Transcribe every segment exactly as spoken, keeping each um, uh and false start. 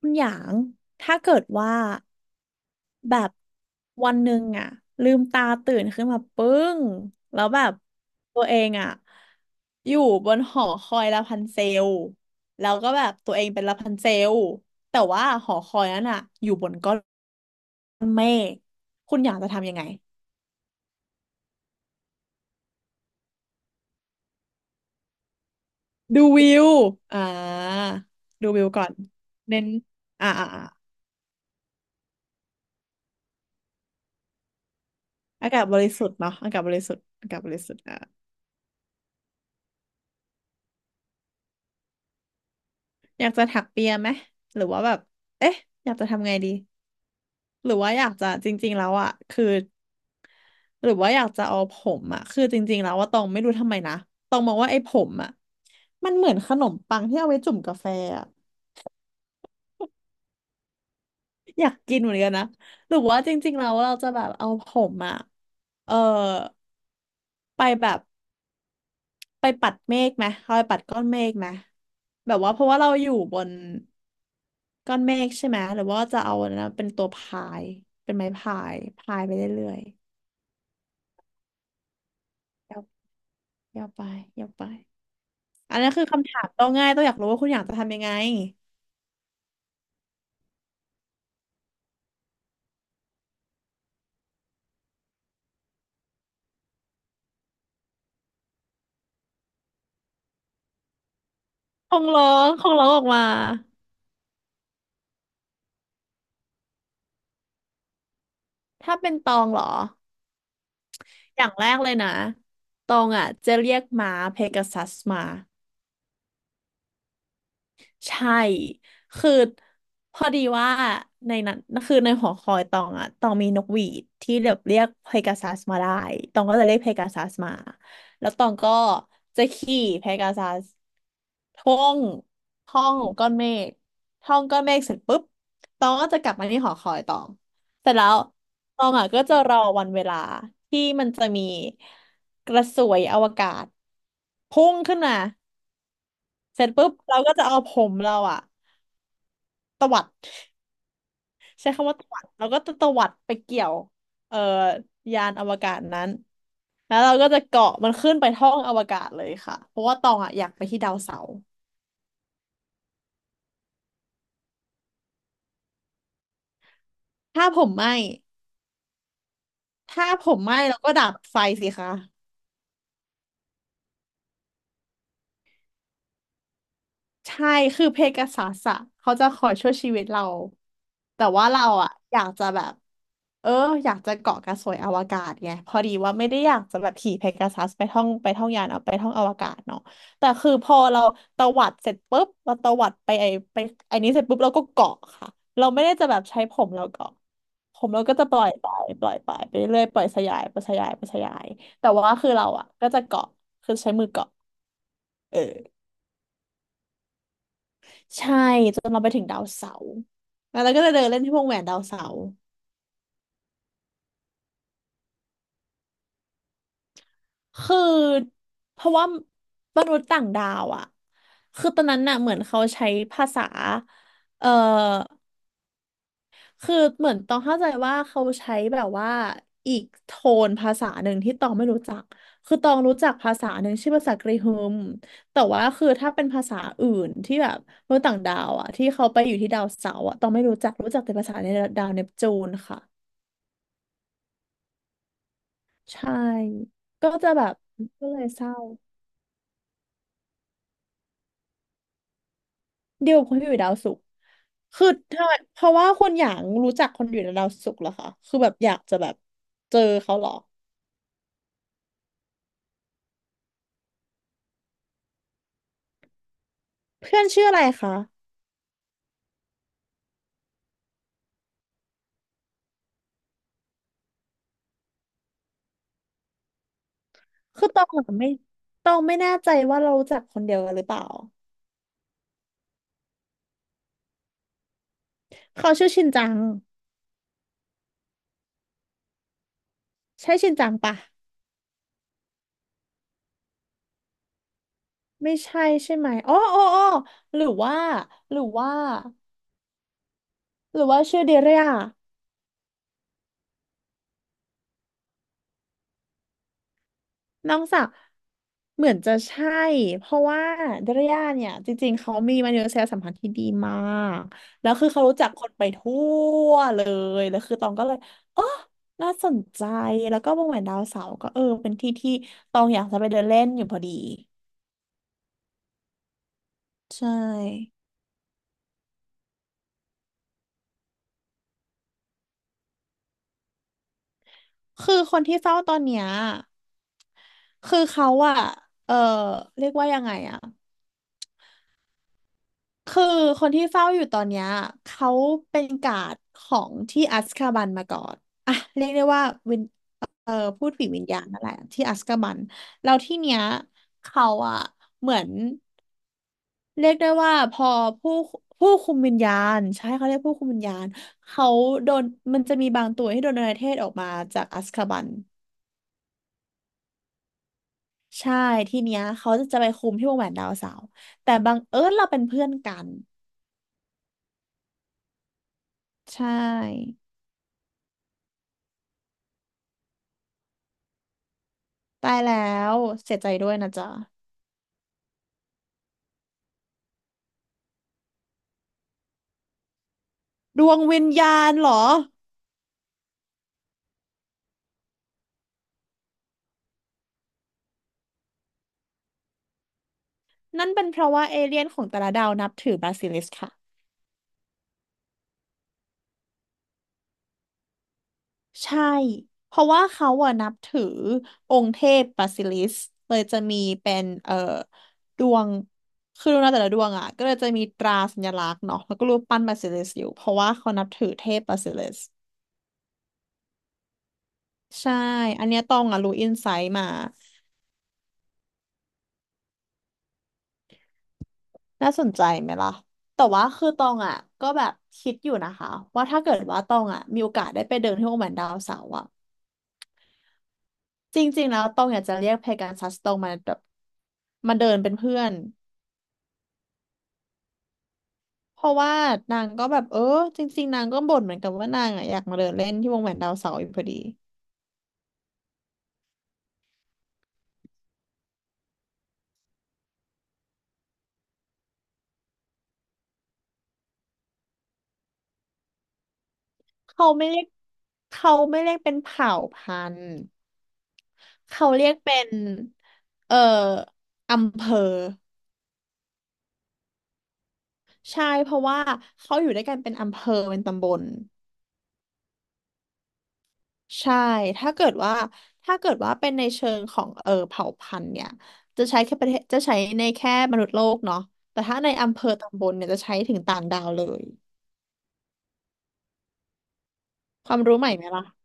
คุณหยางถ้าเกิดว่าแบบวันหนึ่งอะลืมตาตื่นขึ้นมาปึ้งแล้วแบบตัวเองอะอยู่บนหอคอยลาพันเซลแล้วก็แบบตัวเองเป็นลาพันเซลแต่ว่าหอคอยนั้นอะอยู่บนก้อนเมฆคุณหยางจะทำยังไงดูวิวอ่าดูวิวก่อนเน้นอ่าอ่าอ่าอากาศบริสุทธิ์เนาะอากาศบริสุทธิ์อากาศบริสุทธิ์ อยากจะถักเปียไหมหรือว่าแบบเอ๊ะอยากจะทำไงดีหรือว่าอยากจะจริงๆแล้วอ่ะคือหรือว่าอยากจะเอาผมอ่ะคือจริงๆแล้วว่าตองไม่รู้ทำไมนะตองมองว่าไอ้ผมอ่ะมันเหมือนขนมปังที่เอาไว้จุ่มกาแฟอ่ะอยากกินเหมือนกันนะหรือว่าจริงๆแล้วเราจะแบบเอาผมอ่ะเออไปแบบไปปัดเมฆไหมเอาไปปัดก้อนเมฆไหมแบบว่าเพราะว่าเราอยู่บน ก้อนเมฆใช่ไหมหรือว่าจะเอาอันนะเป็นตัวพายเป็นไม้พายพายไปเรื่อยๆยาวยาวไปยาวไปอันนั้นคือคำถามต้องง่ายต้องอยากรู้ว่าคุณอยากจะทำยังไงคงร้องคงร้องออกมาถ้าเป็นตองเหรออย่างแรกเลยนะตองอ่ะจะเรียกม้าเพกาซัสมา ใช่คือพอดีว่าในนั้นคือในหอคอยตองอะตองมีนกหวีดที่แบบเรียกเพกาซัสมาได้ตองก็จะเรียกเพกาซัสมาแล้วตองก็จะขี่เพกาซัสท่องท่องก้อนเมฆท่องก้อนเมฆเสร็จปุ๊บตองก็จะกลับมาที่หอคอยตองเสร็จแล้วตองอะก็จะรอวันเวลาที่มันจะมีกระสวยอวกาศพุ่งขึ้นมาเสร็จปุ๊บเราก็จะเอาผมเราอะ ตวัดใช้คำว่าตวัดเราก็จะตวัดไปเกี่ยวเอ่อยานอวกาศนั้นแล้วเราก็จะเกาะมันขึ้นไปท้องอวกาศเลยค่ะเพราะว่าตองอ่ะอยากไปที่ดาวเสาร์ถ้าผมไหม้ถ้าผมไหม้เราก็ดับไฟสิคะ ใช่ คือเพกาซัสอะเขาจะคอยช่วยชีวิตเราแต่ว่าเราอะอยากจะแบบเอออยากจะเกาะกระสวยอวกาศไงพอดีว่าไม่ได้อยากจะแบบขี่เพกาซัสไปท่องไปท่องยานเอาไปท่องอวกาศเนาะแต่คือพอเราตวัดเสร็จปุ๊บเราตวัดไปไอไปไอนี้เสร็จปุ๊บเราก็เกาะค่ะเราไม่ได้จะแบบใช้ผมเราเกาะผมเราก็จะปล่อยไปปล่อยไปไปเรื่อยๆปล่อยสยายปล่อยสยายปล่อยสยายแต่ว่าคือเราอะก็จะเกาะคือใช้มือเกาะเออ ใช่จนเราไปถึงดาวเสาร์แล้วเราก็จะเดินเล่นที่วงแหวนดาวเสาร์คือเพราะว่ามนุษย์ต่างดาวอ่ะคือตอนนั้นน่ะเหมือนเขาใช้ภาษาเอ่อคือเหมือนต้องเข้าใจว่าเขาใช้แบบว่าอีกโทนภาษาหนึ่งที่ตองไม่รู้จักคือตองรู้จักภาษาหนึ่งชื่อภาษากรีฮึมแต่ว่าคือถ้าเป็นภาษาอื่นที่แบบมนุษย์ต่างดาวอ่ะที่เขาไปอยู่ที่ดาวเสาร์อ่ะตองไม่รู้จักรู้จักแต่ภาษาในดาวเนปจูนค่ะ ใช่ก็จะแบบก็เลยเศร้าเดียวกับคนที่อยู่ดาวศุกร์คือถ้าเพราะว่าคนอย่างรู้จักคนอยู่ในดาวศุกร์เหรอคะคือแบบอยากจะแบบเจอเขาเหรอเพื่อนชื่ออะไรคะคือตองอะไม่ตองไม่แน่ใจว่าเรารู้จักคนเดียวกันหรือเปล่าเขาชื่อชินจังใช่ชินจังปะไม่ใช่ใช่ไหมอ๋ออ๋ออ๋อหรือว่าหรือว่าหรือว่าชื่อเดเรีย น้องสาวเหมือนจะใช่เพราะว่าดรย่าเนี่ยจริงๆ เขามีมนุษยสัมพันธ์ที่ดีมากแล้วคือเขารู้จักคนไปทั่วเลยแล้วคือตองก็เลยอ๋อน่าสนใจแล้วก็วงแหวนดาวเสาร์ก็เออเป็นที่ที่ตองอยากจะไปเดินเล่นอยู่พอดีใช่คือคนที่เฝ้าตอนเนี้ยคือเขาอะเออเรียกว่ายังไงอะ คือคนที่เฝ้าอยู่ตอนเนี้ยเขาเป็นการ์ดของที่อัซคาบันมาก่อนอ่ะเรียกได้ว่าวินเอ่อพูดผีวิญญาณนั่นแหละที่อัซคาบันแล้วที่เนี้ยเขาอะเหมือนเรียกได้ว่าพอผู้ผู้คุมวิญญาณใช่เขาเรียกผู้คุมวิญญาณเขาโดนมันจะมีบางตัวที่โดนอนาเทศออกมาจากอัซคาบันใช่ที่เนี้ยเขาจะไปคุมที่วงแหวนดาวเสาร์แต่บังเอิญเราเป็นเพื่อนกันใช่ ตายแล้วเสียใจด้วยนะจ๊ะดวงวิญญาณเหรอนั่นเป็นเพราะว่าเอเลี่ยนของแต่ละดาวนับถือบาซิลิสค่ะใช่เพราะว่าเขาอะนับถือองค์เทพบาซิลิสเลยจะมีเป็นเอ่อดวงคือดวงดาวแต่ละดวงอะก็เลยจะมีตราสัญลักษณ์เนาะแล้วก็รูปปั้นบาซิลิสอยู่เพราะว่าเขานับถือเทพบาซิลิสใช่อันเนี้ยตองอะรู้อินไซต์มา น่าสนใจไหมล่ะแต่ว่าคือตองอ่ะก็แบบคิดอยู่นะคะว่าถ้าเกิดว่าตองอ่ะมีโอกาสได้ไปเดินที่โอแมนดาวเสาร์อ่ะจริงๆแล้วตองอยากจะเรียกเพกาซัสตองมาแบบมาเดินเป็นเพื่อนเพราะว่านางก็แบบเออจริงๆนางก็บ่นเหมือนกันว่านางอ่ะอยากมาเดินเล่นที่วงแหวนดาวเสาร์อยู่พอดีเขาไม่เรียกเขาไม่เรียกเป็นเผ่าพันธุ์เขาเรียกเป็นเอ่ออำเภอใช่เพราะว่าเขาอยู่ด้วยกันเป็นอำเภอเป็นตำบล ใช่ ถ้าเกิดว่า ถ้าเกิดว่าเป็นในเชิงของเออเผ่าพันธุ์เนี่ยจะใช้แค่ประเทศจะใช้ในแค่มนุษย์โลกเนาะแต่ถ้าในอำเภอตำบลเนี่ยจะใช้ถึงต่างดาวเลย ความรู้ใหม่ไหมล่ะ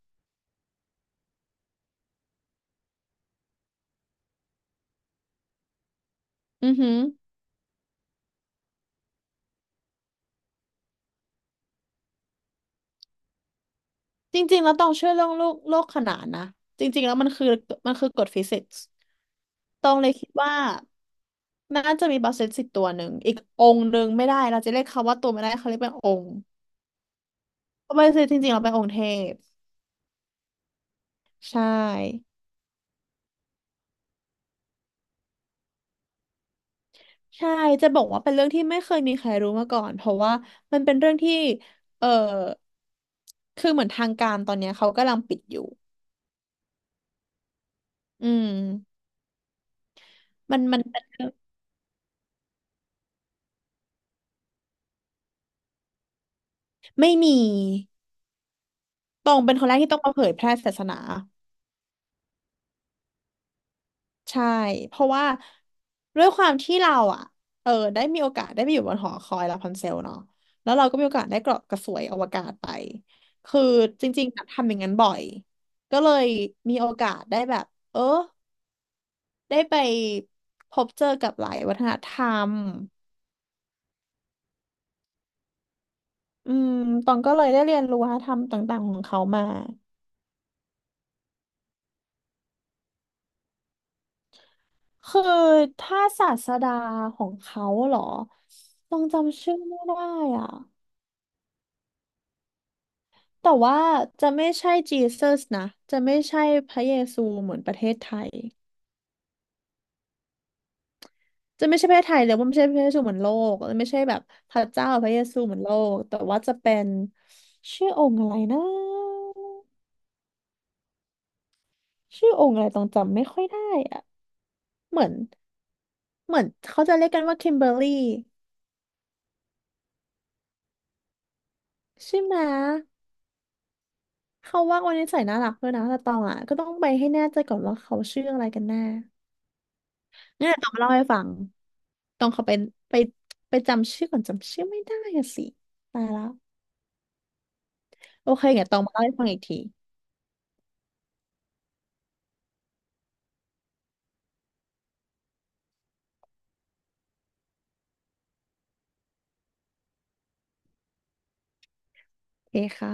อือหือจริงๆแล้วต้องเชื่อเรื่องโลกโลกขนานนะ จริงๆแล้วมันคือมันคือกฎฟิสิกส์ต้องเลยคิดว่าน่าจะมีบาเซตสิบตัวหนึ่งอีกองค์หนึ่งไม่ได้เราจะเรียกเขาว่าตัวไม่ได้เขาเรียกเป็นองค์เพราะบาเซตจริงๆเราเป็นองค์เทพใช่ ใช่จะบอกว่าเป็นเรื่องที่ไม่เคยมีใครรู้มาก่อนเพราะว่ามันเป็นเรื่องที่เออคือเหมือนทางการตอนเนี้ยเขากำลังปิดอยู่อืมมันมันเป็นเรื่องไม่มีตองเป็นคนแรกที่ต้องมาเผยแพร่ศาสนาใช่เพราะว่าด้วยความที่เราอ่ะเออได้มีโอกาสได้ไปอยู่บนหอคอยลาพันเซลเนาะแล้วเราก็มีโอกาสได้เกาะกระสวยอวกาศไปคือจริงๆอะทำอย่างนั้นบ่อยก็เลยมีโอกาสได้แบบเออ ได้ไปพบเจอกับหลายวัฒนธรรมอืมตองก็เลยได้เรียนรู้วัฒนธรรมต่างๆของเขามา คือถ้าศาสดาของเขาเหรอต้องจำชื่อไม่ได้อ่ะแต่ว่าจะไม่ใช่จีเซสนะจะไม่ใช่พระเยซูเหมือนประเทศไทยจะไม่ใช่ประเทศไทยเลยว่าไม่ใช่พระเยซูเหมือนโลกไม่ใช่แบบพระเจ้าพระเยซูเหมือนโลกแต่ว่าจะเป็นชื่อองค์อะไรนะชื่อองค์อะไรต้องจำไม่ค่อยได้อะ เหมือนเหมือนเขาจะเรียกกันว่าคิมเบอร์รี่ใช่ไหม เขาว่าวันนี้ใส่น่ารักด้วยนะแต่ตองอ่ะก็ต้องไปให้แน่ใจก่อนว่าเขาชื่ออะไรกันแน่เนี่ยต้องมาเล่าให้ฟังต้องเขาไปไปไปจำชื่อก่อนจำชื่อไม่ได้อะสิตายละโอเคเดี๋ยวต้องมาเล่าให้ฟังอีกทีโอเคค่ะ